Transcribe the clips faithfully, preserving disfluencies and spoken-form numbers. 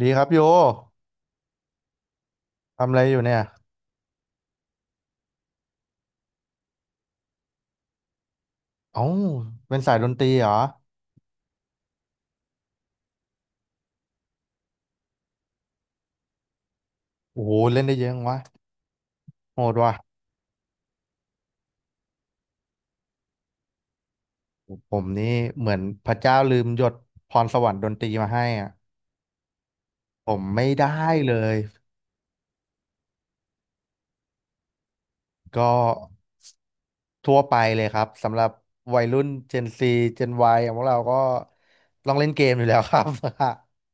ดีครับโยทำอะไรอยู่เนี่ยเอ้าเป็นสายดนตรีเหรอโอ้โหเล่นได้เยอะจังวะโหดว่ะผมนี่เหมือนพระเจ้าลืมหยดพรสวรรค์ดนตรีมาให้อ่ะผมไม่ได้เลยก็ทั่วไปเลยครับสำหรับวัยรุ่น เจน ซี เจน วาย อย่างพวกเราก็ต้องเล่นเกมอยู่แล้วครับ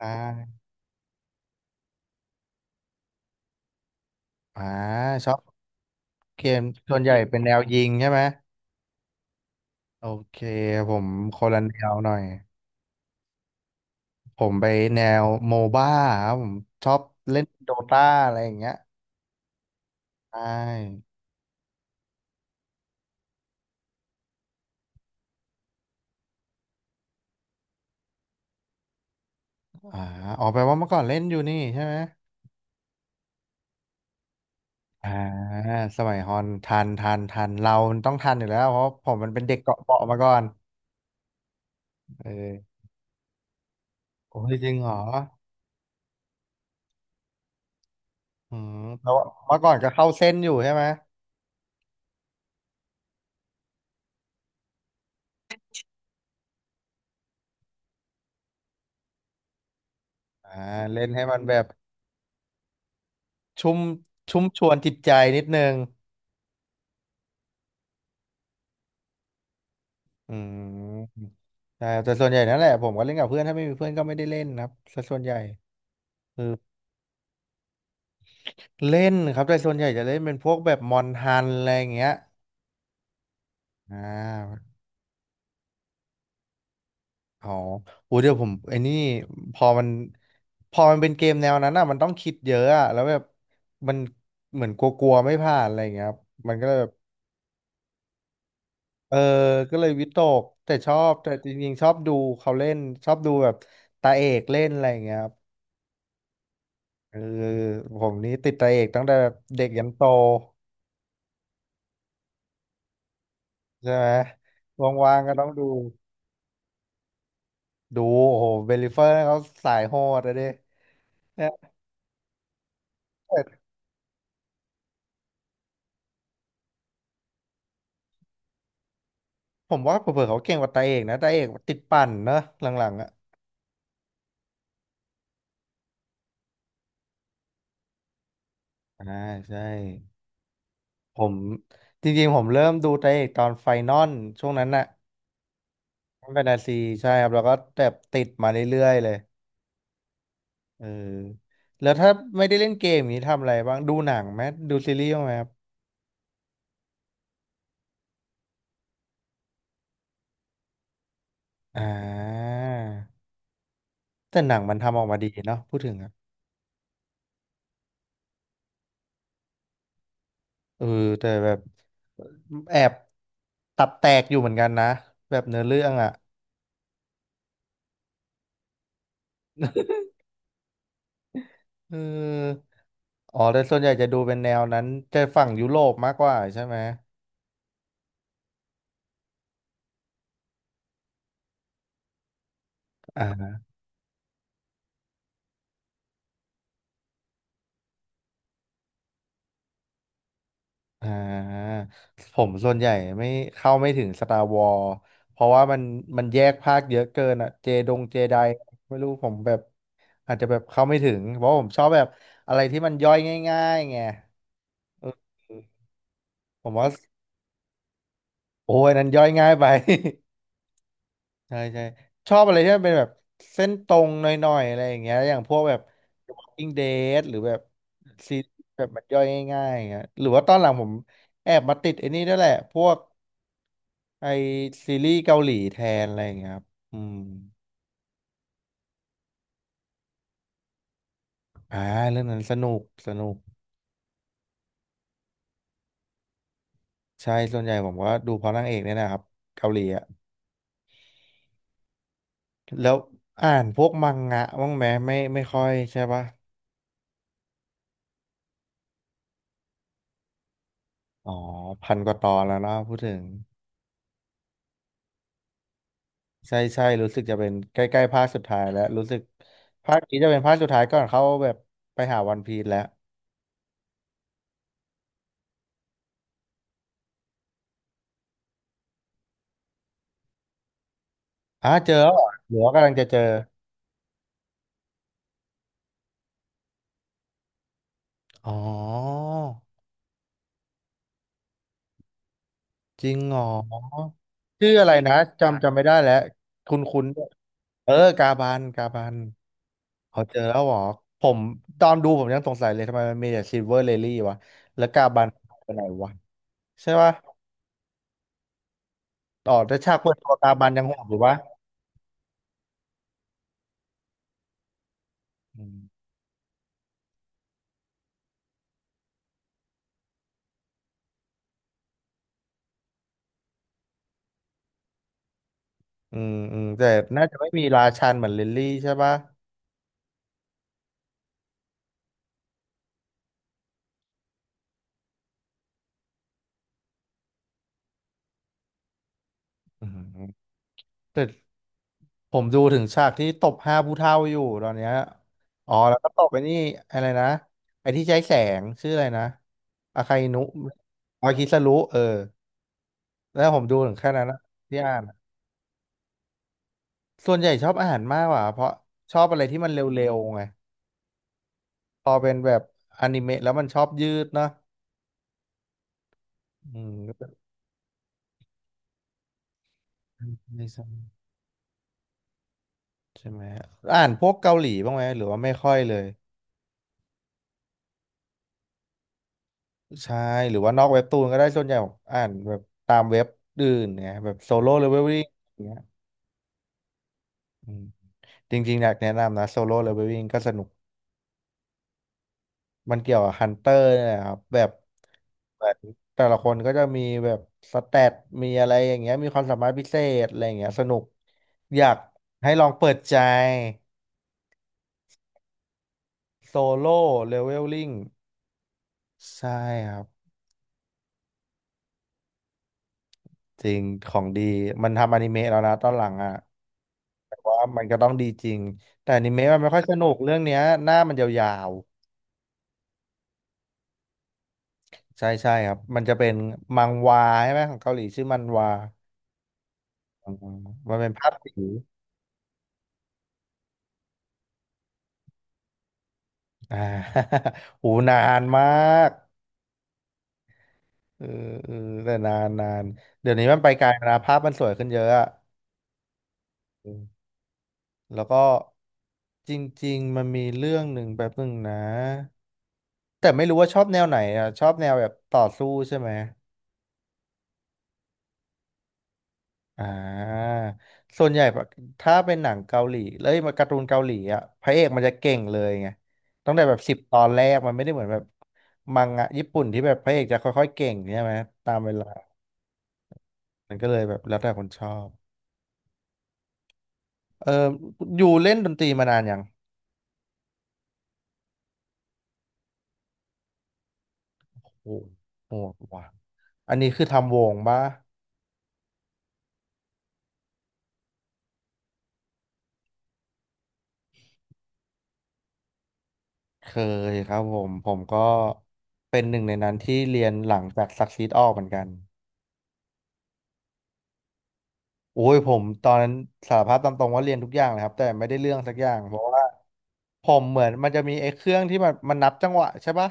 อ่าอ่าชอบเกมส่วนใหญ่เป็นแนวยิงใช่ไหมโอเคผมคนละแนวหน่อย ผมไปแนวโมบ้าครับผมชอบเล่นโดตาอะไรอย่างเงี้ยใช่อ่าออกไปลว่าเมื่อก่อนเล่นอยู่นี่ใช่ไหมอ่าสมัยฮอนทันทันทันเรามันต้องทันอยู่แล้วเพราะผมมันเป็นเด็กเกาะเปาะมาก่อนเออโอ้ยจริงเหรออืมแล้วเมื่อก่อนก็เข้าเส้นอยู่ใช่ไหมอ่าเล่นให้มันแบบชุ่มชุ่มชวนจิตใจนิดนึงอืมใช่แต่ส่วนใหญ่นั่นแหละผมก็เล่นกับเพื่อนถ้าไม่มีเพื่อนก็ไม่ได้เล่นนะครับสส่วนใหญ่เออ เล่นครับแต่ส่วนใหญ่จะเล่นเป็นพวกแบบมอนฮันอะไรอย่างเงี้ยอ่าอ๋ออู้เดี๋ยวผมไอ้นี่พอมันพอมันเป็นเกมแนวนั้นอ่ะมันต้องคิดเยอะอ่ะแล้วแบบมันเหมือนกลัวๆไม่ผ่านอะไรอย่างเงี้ยครับมันก็เลยแบบเออก็เลยวิตกแต่ชอบแต่จริงๆชอบดูเขาเล่นชอบดูแบบตาเอกเล่นอะไรอย่างเงี้ยครับเออผมนี่ติดตาเอกตั้งแต่แบบเด็กยันโตใช่ไหมว่างๆก็ต้องดูดูโอ้โหเบลลิเฟอร์เขาสายโหดอะดิ แต่ผมว่าเผื่อๆเขาเก่งกว่าตาเอกนะตาเอกติดปั่นเนอะหลังๆอ่ะอ่าใช่ผมจริงๆผมเริ่มดูไตาเอกตอนไฟนอลช่วงนั้นน่ะแฟนตาซีใช่ครับแล้วก็แบบติดมาเรื่อยๆเลยเออแล้วถ้าไม่ได้เล่นเกมนี้ทำอะไรบ้างดูหนังไหมดูซีรีส์บ้างไหมครับอ่าแต่หนังมันทำออกมาดีเนาะพูดถึงอะเออแต่แบบแอบตับแตกอยู่เหมือนกันนะแบบเนื้อเรื่องอ่ะ เอออ๋อ แต่ส่วนใหญ่จะดูเป็นแนวนั้นจะฝั่งยุโรปมากกว่าใช่ไหมอ่าอ่าผมส่วนใหญ่ไม่เข้าไม่ถึง สตาร์ วอร์ส เพราะว่ามันมันแยกภาคเยอะเกินอ่ะเจดงเจไดไม่รู้ผมแบบอาจจะแบบเข้าไม่ถึงเพราะผมชอบแบบอะไรที่มันย่อยง่ายๆไงเออผมว่าโอ้ยนั้นย่อยง่ายไป ใช่ใช่ชอบอะไรที่มันเป็นแบบเส้นตรงหน่อยๆอะไรอย่างเงี้ยอย่างพวกแบบ วอล์กกิ้ง เดด หรือแบบซีรีส์แบบมันย่อยง่ายๆอย่างเงี้ยหรือว่าตอนหลังผมแอบมาติดไอ้นี่ด้วยแหละพวกไอซีรีส์เกาหลีแทนอะไรอย่างเงี้ยครับอืมอ่าเรื่องนั้นสนุกสนุกใช่ส่วนใหญ่ผมก็ดูเพราะนางเอกเนี่ยนะครับเกาหลีอะแล้วอ่านพวกมังงะบ้างไหมไม่ไม่ค่อยใช่ปะอ๋อพันกว่าตอนแล้วเนอะพูดถึง ใช่ใช่รู้สึกจะเป็นใกล้ๆภาคสุดท้ายแล้วรู้สึกภาคนี้จะเป็นภาคสุดท้ายก่อนเขาแบบไปหาวันพีซแล้วอ่ะเจอแล้วเหรอหรือว่ากำลังจะเจออ๋อจริงเหรอชื่ออะไรนะจำจำไม่ได้แล้วคุณคุณเออกาบันกาบันเขาเจอแล้วเหรอผมตอนดูผมยังสงสัยเลยทำไมมันมีแต่ซิลเวอร์เลลี่วะแล้วกาบันไปไหนวะใช่ปะต่อแต่ฉากเปิดตัวกาบันยังโหดอยู่ปะ อืมอืมแต่น่าจะไม่มีราชันเหมือนลิลลี่ใช่ปะอืมแต่ผมดูถึงฉากที่ตบห้าผู้เฒ่าอยู่ตอนเนี้ยอ๋อแล้วก็ตบไปนี่อะไรนะไอ้ที่ใช้แสงชื่ออะไรนะอาคาอินุอาคิสรุเออแล้วผมดูถึงแค่นั้นนะที่อ่านอะส่วนใหญ่ชอบอาหารมากกว่าเพราะชอบอะไรที่มันเร็วๆไงพอเป็นแบบอนิเมะแล้วมันชอบยืดเนาะอืมก็จะไม่ซ้ำใช่ไหมอ่านพวกเกาหลีบ้างไหมหรือว่าไม่ค่อยเลย ใช่หรือว่านอกเว็บตูนก็ได้ส่วนใหญ่ผมอ่านแบบตามเว็บอื่นเนี่ยแบบโซโล่เลเวลลิ่งอย่างเงี้ยอืมจริงๆอยากแนะนำนะโซโล่เลเวลลิ่งก็สนุกมันเกี่ยวกับฮันเตอร์เนี่ยแหละครับแบบเหมือนแต่ละคนก็จะมีแบบสแตทมีอะไรอย่างเงี้ยมีความสามารถพิเศษอะไรอย่างเงี้ยสนุกอยากให้ลองเปิดใจโซโล่เลเวลลิ่งใช่ครับจริงของดีมันทำอนิเมะแล้วนะตอนหลังอ่ะ แต่ว่ามันก็ต้องดีจริงแต่อนิเมะมันไม่ค่อยสนุกเรื่องเนี้ยหน้ามันยาวๆใช่ใช่ครับมันจะเป็นมังวาใช่ไหมของเกาหลีชื่อมันวาอืมมันเป็นภาพสีอ่า หูนานมากเออเออแต่นานนานเดี๋ยวนี้มันไปไกลแล้วนะภาพมันสวยขึ้นเยอะอะอืมแล้วก็จริงๆมันมีเรื่องหนึ่งแบบนึงนะแต่ไม่รู้ว่าชอบแนวไหนอ่ะชอบแนวแบบต่อสู้ใช่ไหม อ่าส่วนใหญ่ปะถ้าเป็นหนังเกาหลีแล้วมาการ์ตูนเกาหลีอ่ะพระเอกมันจะเก่งเลยไงตั้งแต่แบบสิบตอนแรกมันไม่ได้เหมือนแบบมังงะญี่ปุ่นที่แบบพระเอกจะค่อยๆเก่งใช่ไหมตามเวลามันก็เลยแบบแล้วแต่คนชอบเอออยู่เล่นดนตรีมานานยังโอ้โหว่ะอันนี้คือทำวงปะเคยครับผมผมก็เป็นหนึ่งในนั้นที่เรียนหลังจากซักซีดออกเหมือนกัน โอ้ยผมตอนนั้นสารภาพตามตรงว่าเรียนทุกอย่างเลยครับแต่ไม่ได้เรื่องสักอย่างเพราะว่าผมเหมือนมันจะมีไอ้เครื่องที่มันมันนับจังหวะใช่ปะ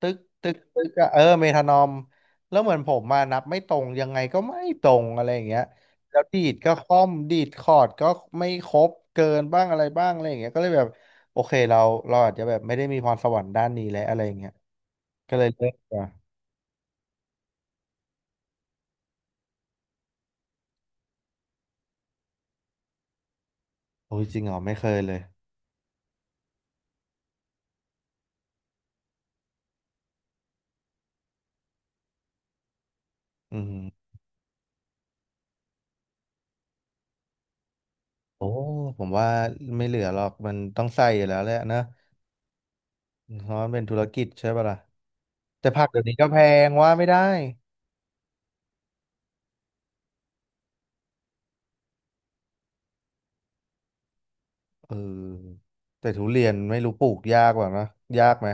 ตึกตึกตึกอะเออเมทานอมแล้วเหมือนผมมานับไม่ตรงยังไงก็ไม่ตรงอะไรอย่างเงี้ยแล้วดีดก็ค่อมดีดคอร์ดก็ไม่ครบเกินบ้างอะไรบ้างอะไรอย่างเงี้ยก็เลยแบบโอเคเราเราอาจจะแบบไม่ได้มีพรสวรรค์ด้านนี้และอะไรอย่างเงี้ยก็เลยเลิกดีกว่าโอ้ยจริงเหรอไม่เคยเลยอืมโอ้ผมว่าไม่เหลือหรอกมันต้องใส่อยู่แล้วแหละนะ เพราะมันเป็นธุรกิจใช่ป่ะล่ะแต่ผักเดี๋ยวนี้ก็แพงว่าไม่ได้เออแต่ทุเรียนไม่รู้ปลูกยากกว่านะยากไหม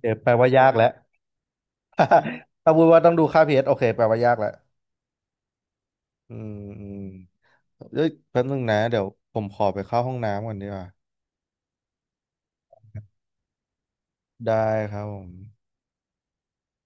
เดี๋ยวแปลว่ายากแล้ว ถ้าพูดว่าต้องดูค่า พี เอช โอเคแปลว่ายากแล้วอืมอืมเอ้ยแป๊บนึงนะเดี๋ยวผมขอไปเข้าห้องน้ำก่อนดีกว่าได้ครับผม